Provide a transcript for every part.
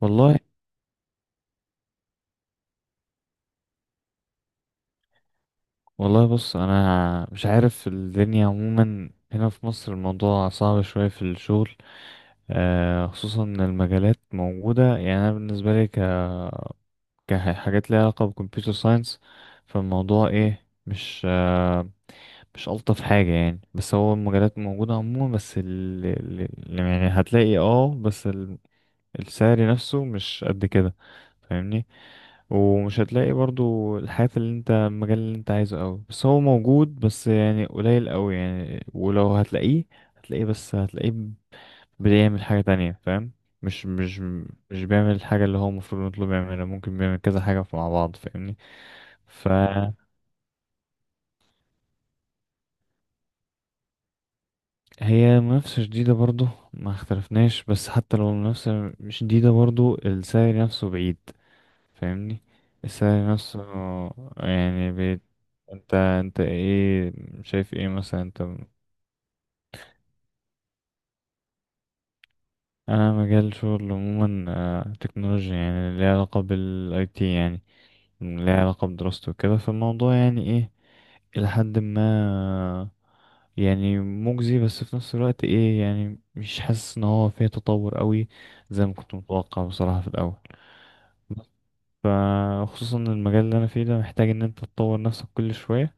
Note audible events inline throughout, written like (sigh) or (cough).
والله والله. بص انا مش عارف الدنيا عموما هنا في مصر. الموضوع صعب شوية في الشغل، خصوصا ان المجالات موجودة. يعني انا بالنسبة لي كحاجات ليها علاقة بالكمبيوتر ساينس. فالموضوع ايه، مش الطف حاجة يعني. بس هو المجالات موجودة عموما. يعني هتلاقي، بس السعر نفسه مش قد كده. فاهمني؟ ومش هتلاقي برضو الحياة اللي انت المجال اللي انت عايزه قوي، بس هو موجود بس يعني قليل قوي. يعني ولو هتلاقيه هتلاقيه، بس هتلاقيه بيعمل حاجة تانية. فاهم؟ مش مش مش بيعمل الحاجة اللي هو المفروض نطلب يعملها، ممكن بيعمل كذا حاجة مع بعض. فاهمني؟ فهي منافسة شديدة برضو، ما اختلفناش. بس حتى لو المنافسة مش شديدة، برضو السعر نفسه بعيد. فاهمني؟ السعر نفسه. يعني بيت. انت ايه شايف ايه مثلا انت؟ انا مجال شغل عموما، تكنولوجيا يعني ليها علاقة بالاي تي. يعني ليها علاقة بدراسته وكده. فالموضوع يعني ايه إلى حد ما يعني مجزي، بس في نفس الوقت ايه يعني مش حاسس ان هو فيه تطور قوي زي ما كنت متوقع بصراحة في الاول. فخصوصا المجال اللي انا فيه ده محتاج ان انت تطور نفسك كل شوية،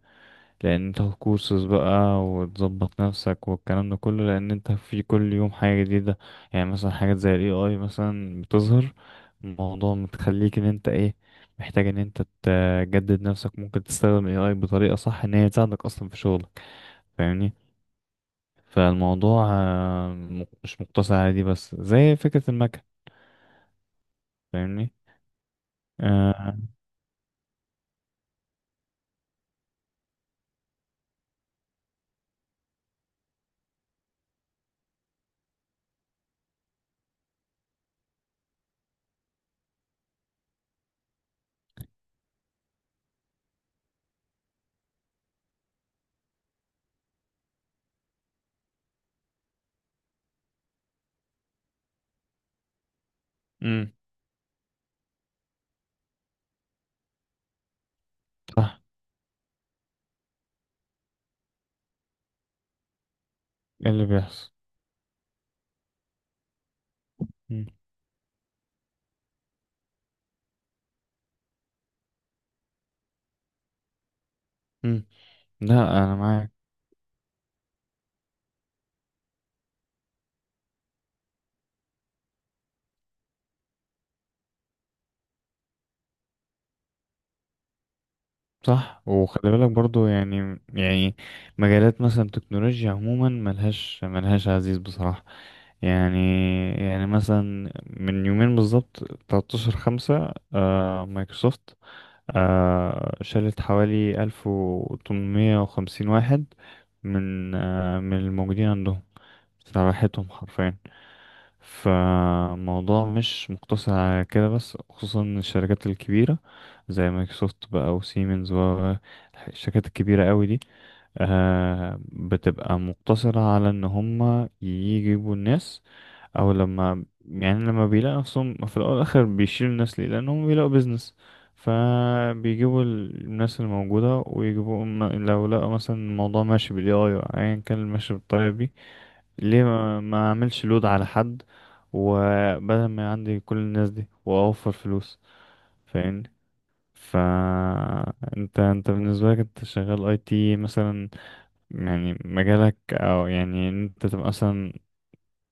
لان انت هتكورسز بقى وتظبط نفسك والكلام ده كله، لان انت في كل يوم حاجة جديدة. يعني مثلا حاجات زي الاي اي مثلا بتظهر. الموضوع متخليك ان انت ايه محتاج ان انت تجدد نفسك. ممكن تستخدم الاي اي بطريقة صح ان هي تساعدك اصلا في شغلك. فاهمني؟ فالموضوع مش مقتصر على دي بس زي فكرة المكن. فاهمني؟ آه، امم. صح. ايه اللي بيحصل. امم. أمم. لا انا معاك. صح. وخلي بالك برضو يعني مجالات مثلا تكنولوجيا عموما ملهاش عزيز بصراحة. يعني يعني مثلا من يومين بالظبط 13 خمسة مايكروسوفت شالت حوالي 1850 واحد من الموجودين عندهم، راحتهم حرفيا. فالموضوع مش مقتصر على كده بس، خصوصا الشركات الكبيرة زي مايكروسوفت بقى وسيمنز والشركات الكبيرة قوي دي، بتبقى مقتصرة على ان هم يجيبوا الناس، او لما لما بيلاقوا نفسهم في الاول والاخر بيشيلوا الناس ليه؟ لانهم بيلاقوا بيزنس. فبيجيبوا الناس الموجودة ويجيبوا لو لقوا مثلا الموضوع ماشي بالاي اي، ايا كان ماشي بالطريقة دي، ليه ما اعملش لود على حد وبدل ما عندي كل الناس دي واوفر فلوس. فاهمني؟ ف انت بالنسبه لك انت شغال اي تي مثلا؟ يعني مجالك او يعني ان انت تبقى مثلا،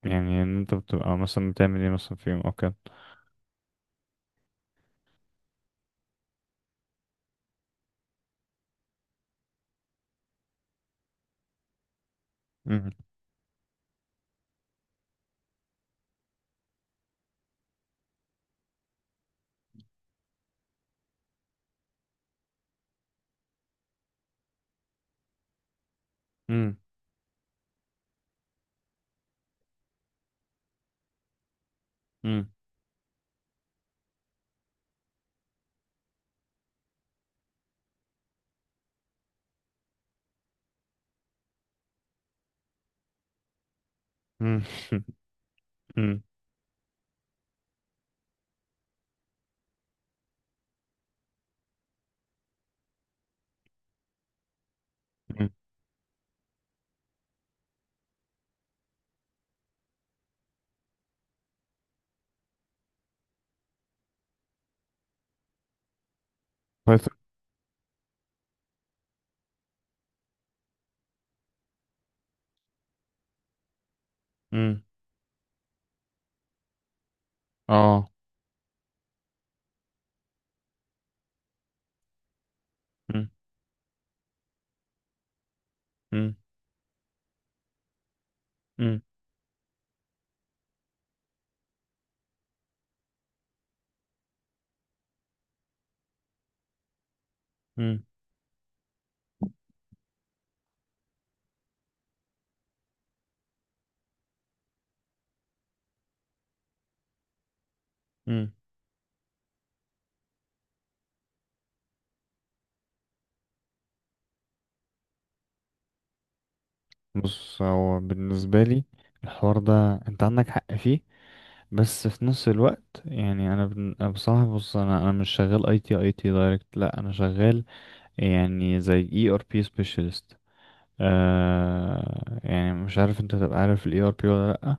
يعني ان انت بتبقى مثلا بتعمل ايه مثلا في يوم او كده؟ مم. مم. مم. مم. (laughs) مم. مم. بايثون. مم. اه. مم. مم. مم. مم. مم. بص هو بالنسبه لي الحوار ده انت عندك حق فيه. بس في نفس الوقت يعني أنا بصراحه، بص انا مش شغال اي تي اي تي دايركت، لا انا شغال يعني زي اي ار بي سبيشالست. يعني مش عارف انت تبقى عارف الاي ار بي ولا لا؟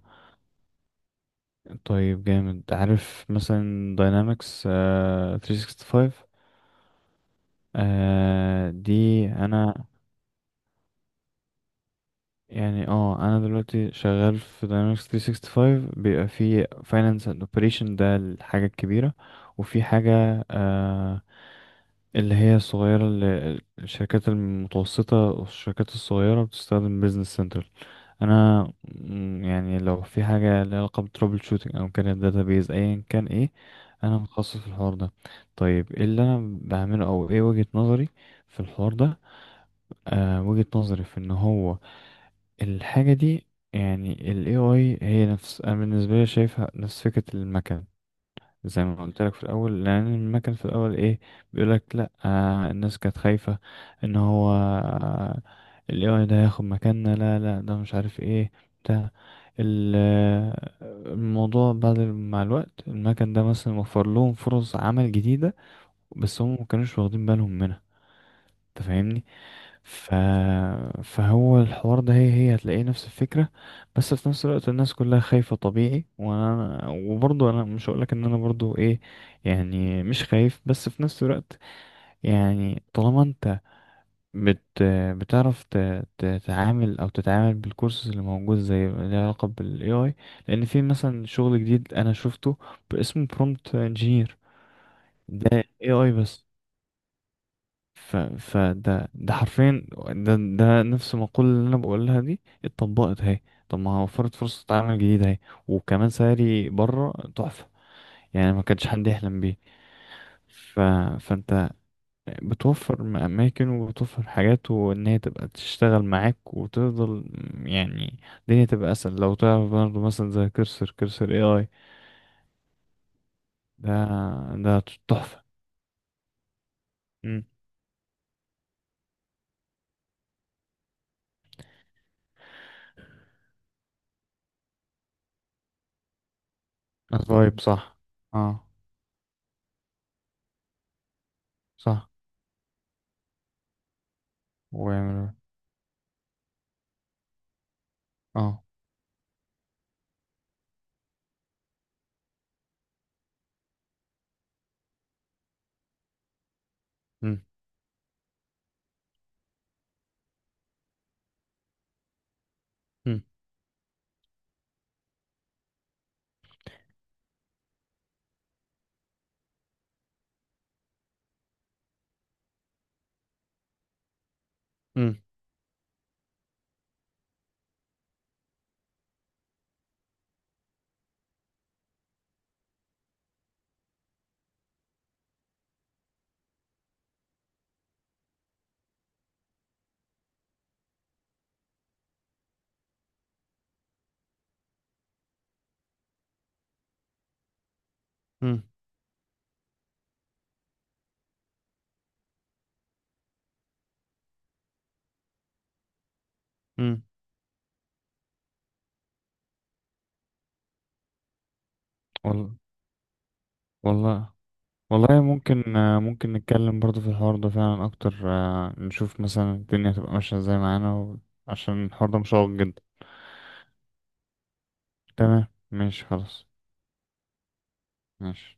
طيب جامد. عارف مثلا داينامكس 365؟ دي انا يعني انا دلوقتي شغال في Dynamics 365، بيبقى في Finance and Operation، ده الحاجة الكبيرة. وفي حاجة اللي هي الصغيرة، اللي الشركات المتوسطة والشركات الصغيرة بتستخدم Business Central. انا يعني لو في حاجة ليها علاقة بترابل شوتنج او كانت database ايا كان ايه، انا متخصص في الحوار ده. طيب ايه اللي انا بعمله او ايه وجهة نظري في الحوار ده؟ وجهة نظري في ان هو الحاجة دي، يعني ال AI هي نفس أنا بالنسبة لي شايفها نفس فكرة المكن. زي ما قلت لك في الأول، لأن المكن في الأول إيه بيقولك لأ، الناس كانت خايفة إن هو ال AI ده هياخد مكاننا. لا لا ده مش عارف إيه بتاع ال- آه، الموضوع. بعد مع الوقت المكن ده مثلا وفر لهم فرص عمل جديدة، بس هم مكانوش واخدين بالهم منها. تفهمني؟ ف... فهو الحوار ده هي هتلاقيه نفس الفكرة. بس في نفس الوقت الناس كلها خايفة طبيعي. وانا وبرضه انا مش هقولك ان انا برضه ايه، يعني مش خايف. بس في نفس الوقت يعني طالما انت بت... بتعرف تتعامل او تتعامل بالكورسز اللي موجود زي اللي علاقة بالاي اي، لان في مثلا شغل جديد انا شفته اسمه برومبت انجينير. ده اي اي بس. فده حرفيا ده نفس المقولة اللي انا بقولها دي اتطبقت اهي. طب ما وفرت فرصة عمل جديدة اهي، وكمان سعري بره تحفة. يعني ما كانش حد يحلم بيه. ف... فانت بتوفر اماكن وبتوفر حاجات وان هي تبقى تشتغل معاك وتفضل. يعني الدنيا تبقى اسهل لو تعرف برضه مثلا زي كرسر كرسر اي اي. ده ده تحفة. امم. طيب صح. اه. صح. ويعمل. اه. امم. مم. مم. وال... والله. والله ممكن، ممكن نتكلم برضه في الحوار ده فعلا أكتر، نشوف مثلا الدنيا هتبقى ماشية ازاي معانا عشان الحوار ده مشوق جدا. تمام ماشي خلاص ماشي